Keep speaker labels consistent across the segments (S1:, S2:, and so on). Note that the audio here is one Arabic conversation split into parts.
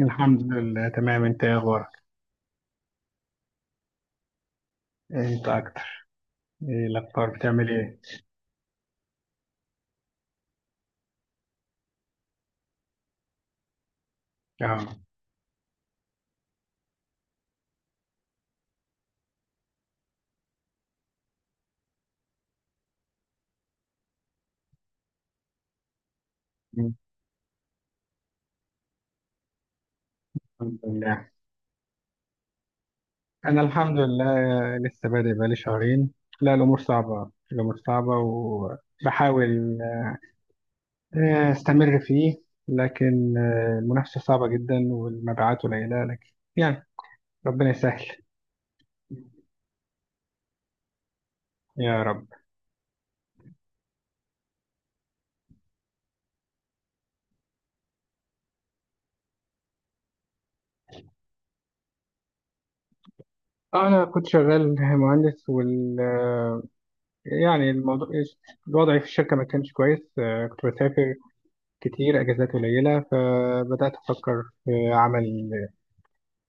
S1: الحمد لله، تمام. انت ايه اخبارك؟ انت اكتر. ايه الاخبار؟ بتعمل ايه؟ اه. الحمد لله. انا الحمد لله. لسه بادئ بقالي شهرين. لا، الامور صعبة. الامور صعبة وبحاول استمر فيه. لكن المنافسة صعبة جدا والمبيعات قليلة، لكن يعني ربنا يسهل. يا رب. انا كنت شغال مهندس وال آه، يعني الوضع في الشركة ما كانش كويس. كنت بسافر كتير، أجازات قليلة، فبدأت أفكر في عمل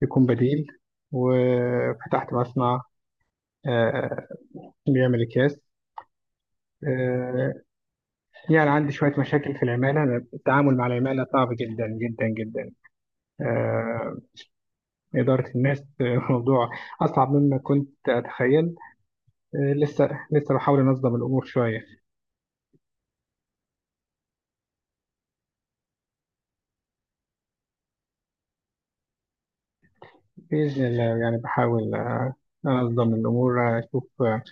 S1: يكون بديل. وفتحت مصنع آه، بيعمل أكياس. آه، يعني عندي شوية مشاكل في العمالة. أنا التعامل مع العمالة صعب جدا جدا جدا. آه، إدارة الناس موضوع أصعب مما كنت أتخيل. لسه بحاول أنظم الأمور شوية. بإذن الله، يعني بحاول أنظم الأمور، أشوف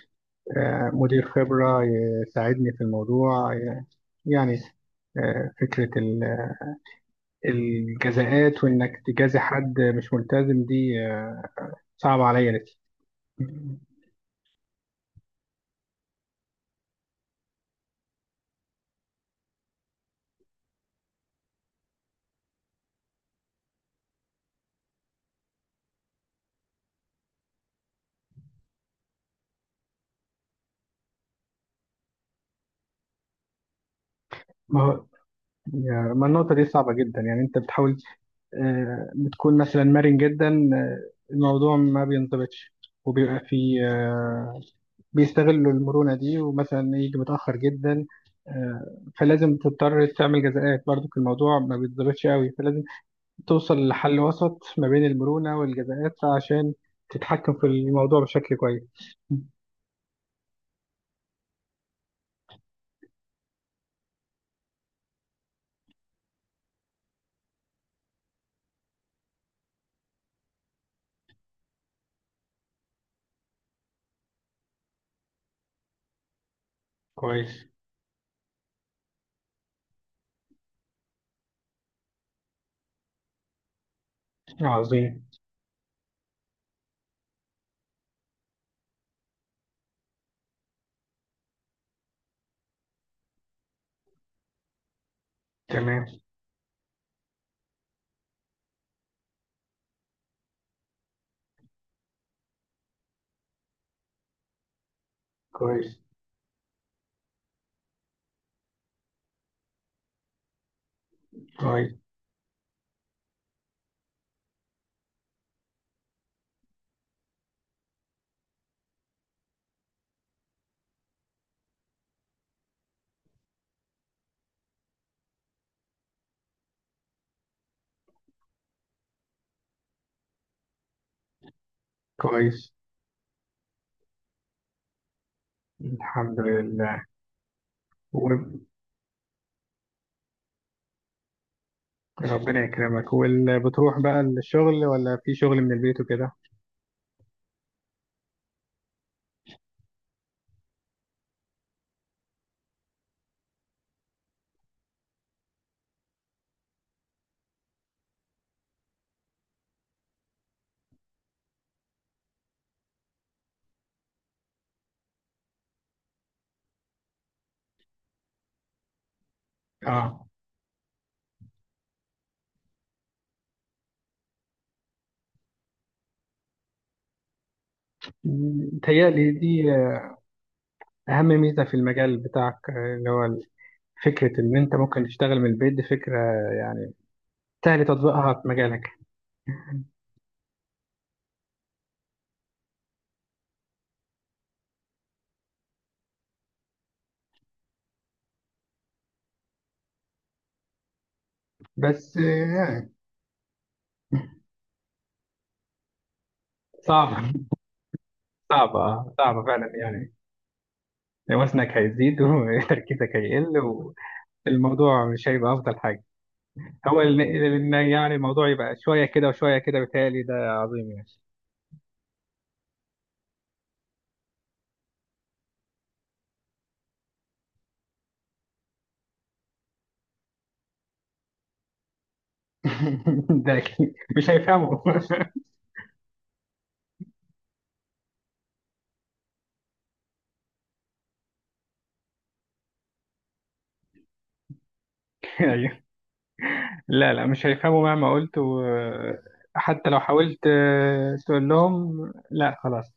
S1: مدير خبرة يساعدني في الموضوع، يعني فكرة الجزاءات، وإنك تجازي حد مش ملتزم دي صعبة عليا نفسي. ما هو يعني، ما النقطة دي صعبة جدا. يعني أنت بتحاول بتكون مثلا مرن جدا، الموضوع ما بينضبطش. وبيبقى في بيستغلوا المرونة دي، ومثلا يجي متأخر جدا. فلازم تضطر تعمل جزاءات. برضو الموضوع ما بيتظبطش قوي، فلازم توصل لحل وسط ما بين المرونة والجزاءات، عشان تتحكم في الموضوع بشكل كويس. كويس. عظيم. تمام. كويس. كويس. كويس. الحمد لله. وربنا يكرمك. وبتروح بقى الشغل، ولا في شغل من البيت وكده؟ اه. متهيألي دي أهم ميزة في المجال بتاعك، اللي هو فكرة إن أنت ممكن تشتغل من البيت. دي فكرة، يعني، سهل تطبيقها في مجالك. بس يعني صعبة. صعبة صعبة فعلا يعني. وزنك هيزيد وتركيزك هيقل، والموضوع مش هيبقى أفضل حاجة. هو إن يعني الموضوع يبقى شوية كده وشوية كده، بيتهيألي ده عظيم يعني. ده أكيد مش هيفهموا. أيوه، لا، لا مش هيفهموا مهما قلت، حتى لو حاولت تقول لهم. لا خلاص.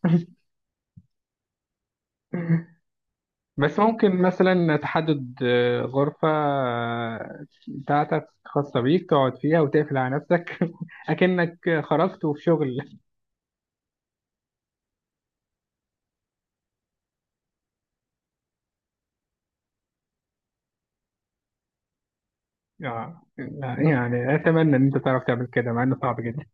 S1: بس ممكن مثلا تحدد غرفة بتاعتك خاصة بيك، تقعد فيها وتقفل على نفسك أكنك خرجت وفي شغل. لا، يعني أتمنى إن أنت تعرف تعمل كده، مع إنه صعب جدا.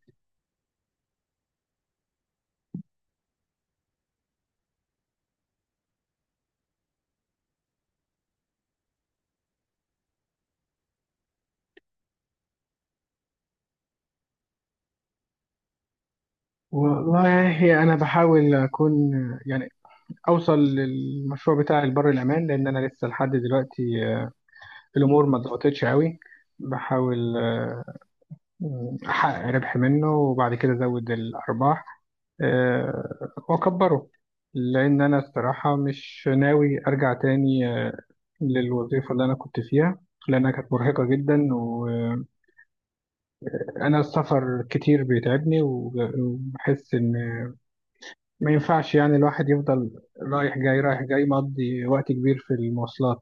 S1: والله أنا بحاول أكون، يعني، أوصل للمشروع بتاعي لبر الأمان، لأن أنا لسه لحد دلوقتي الأمور ما ضغطتش قوي. بحاول أحقق ربح منه وبعد كده أزود الأرباح، وأكبره. لأن أنا الصراحة مش ناوي أرجع تاني للوظيفة اللي أنا كنت فيها، لأنها كانت مرهقة جدا. أنا السفر كتير بيتعبني، وبحس إن ما ينفعش، يعني الواحد يفضل رايح جاي رايح جاي، مقضي وقت كبير في المواصلات،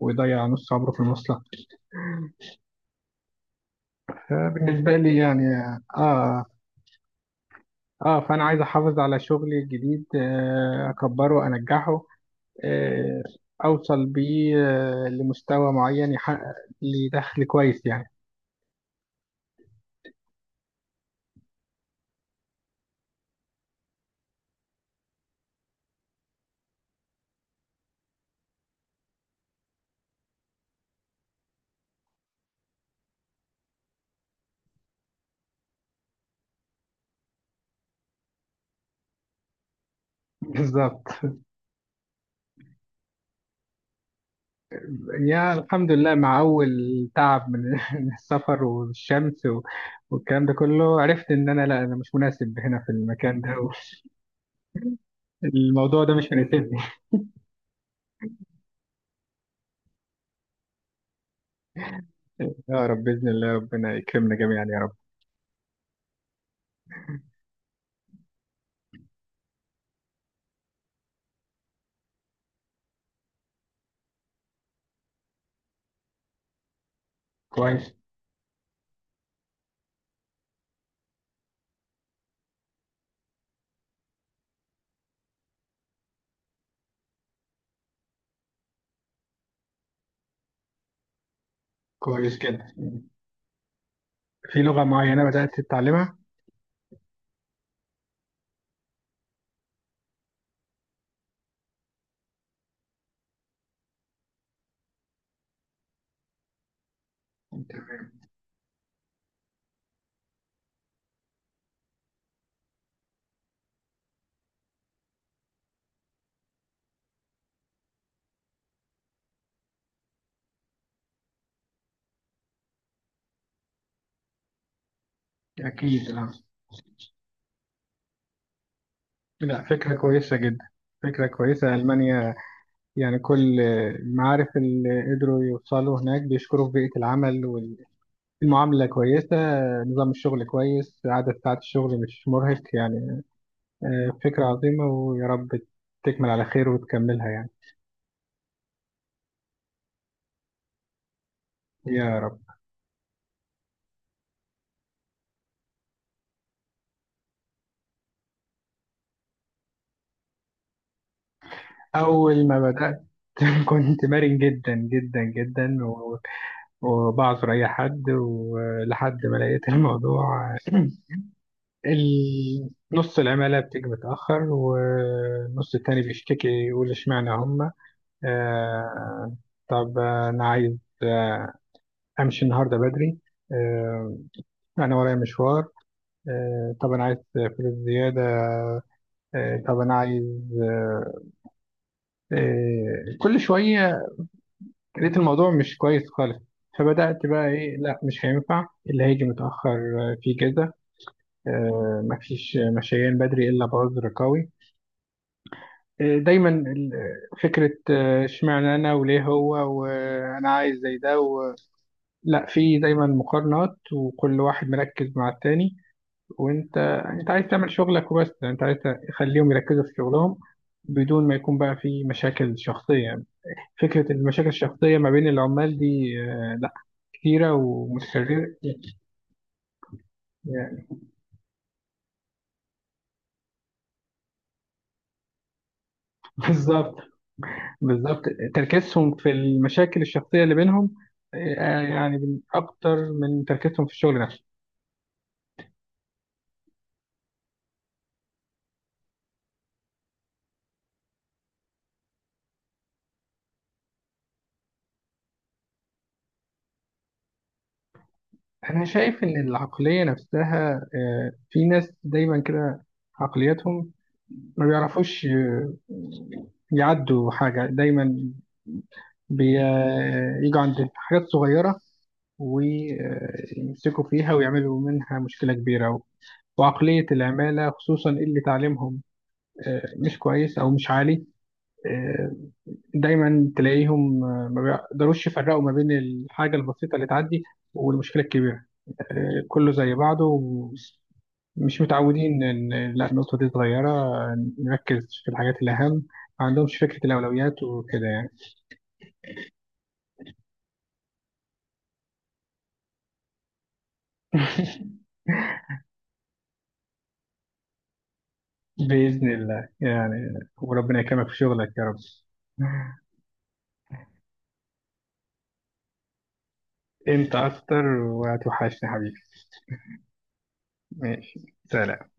S1: ويضيع نص عمره في المواصلات بالنسبة لي يعني. آه، آه، فأنا عايز أحافظ على شغلي الجديد، أكبره، أنجحه، آه أوصل بيه لمستوى معين، يحقق لي دخل كويس يعني. بالظبط. يا الحمد لله، مع أول تعب من من السفر والشمس والكلام ده كله، عرفت إن أنا، لا، أنا مش مناسب هنا في المكان ده، الموضوع ده مش مناسبني. يا رب بإذن الله، ربنا يكرمنا جميعا يا رب. كويس. كويس كده. في لغة معينة بدأت تتعلمها؟ أكيد لا. لا، فكرة كويسة جدا. فكرة كويسة ألمانيا. يعني كل المعارف اللي قدروا يوصلوا هناك بيشكروا في بيئة العمل. المعاملة كويسة، نظام الشغل كويس، عدد ساعات الشغل مش مرهق يعني. فكرة عظيمة، ويا رب تكمل على خير وتكملها يعني. يا رب. أول ما بدأت كنت مرن جدا جدا جدا، وبعذر أي حد، ولحد ما لقيت الموضوع نص العمالة بتيجي متأخر والنص التاني بيشتكي، يقول اشمعنى هما. آه، طب أنا عايز آه، أمشي النهاردة بدري. آه، أنا ورايا مشوار. طب أنا عايز فلوس زيادة. طب أنا عايز آه، كل شوية. لقيت الموضوع مش كويس خالص. فبدأت بقى إيه، لا مش هينفع اللي هيجي متأخر في كذا. مفيش مشيان بدري إلا بعذر قوي. دايما فكرة اشمعنى أنا وليه هو، وأنا عايز زي ده و... لا، في دايما مقارنات، وكل واحد مركز مع التاني. وانت عايز تعمل شغلك وبس. يعني انت عايز تخليهم يركزوا في شغلهم، بدون ما يكون بقى في مشاكل شخصية يعني. فكرة المشاكل الشخصية ما بين العمال دي لا، كتيرة ومتكررة يعني. بالظبط. بالظبط. تركيزهم في المشاكل الشخصية اللي بينهم يعني، من أكتر من تركيزهم في الشغل نفسه. أنا شايف إن العقلية نفسها في ناس دايما كده، عقليتهم ما بيعرفوش يعدوا حاجة. دايما بييجوا عند حاجات صغيرة، ويمسكوا فيها، ويعملوا منها مشكلة كبيرة. وعقلية العمالة خصوصا اللي تعليمهم مش كويس أو مش عالي، آه، دايما تلاقيهم ما بيقدروش يفرقوا ما بين الحاجة البسيطة اللي تعدي والمشكلة الكبيرة. كله زي بعضه. مش متعودين إن، لا، النقطة دي صغيرة، نركز في الحاجات الأهم. ما عندهمش فكرة الأولويات وكده يعني. بإذن الله يعني. وربنا يكرمك في شغلك يا رب. أنت أكتر، وهتوحشني حبيبي. ماشي، سلام.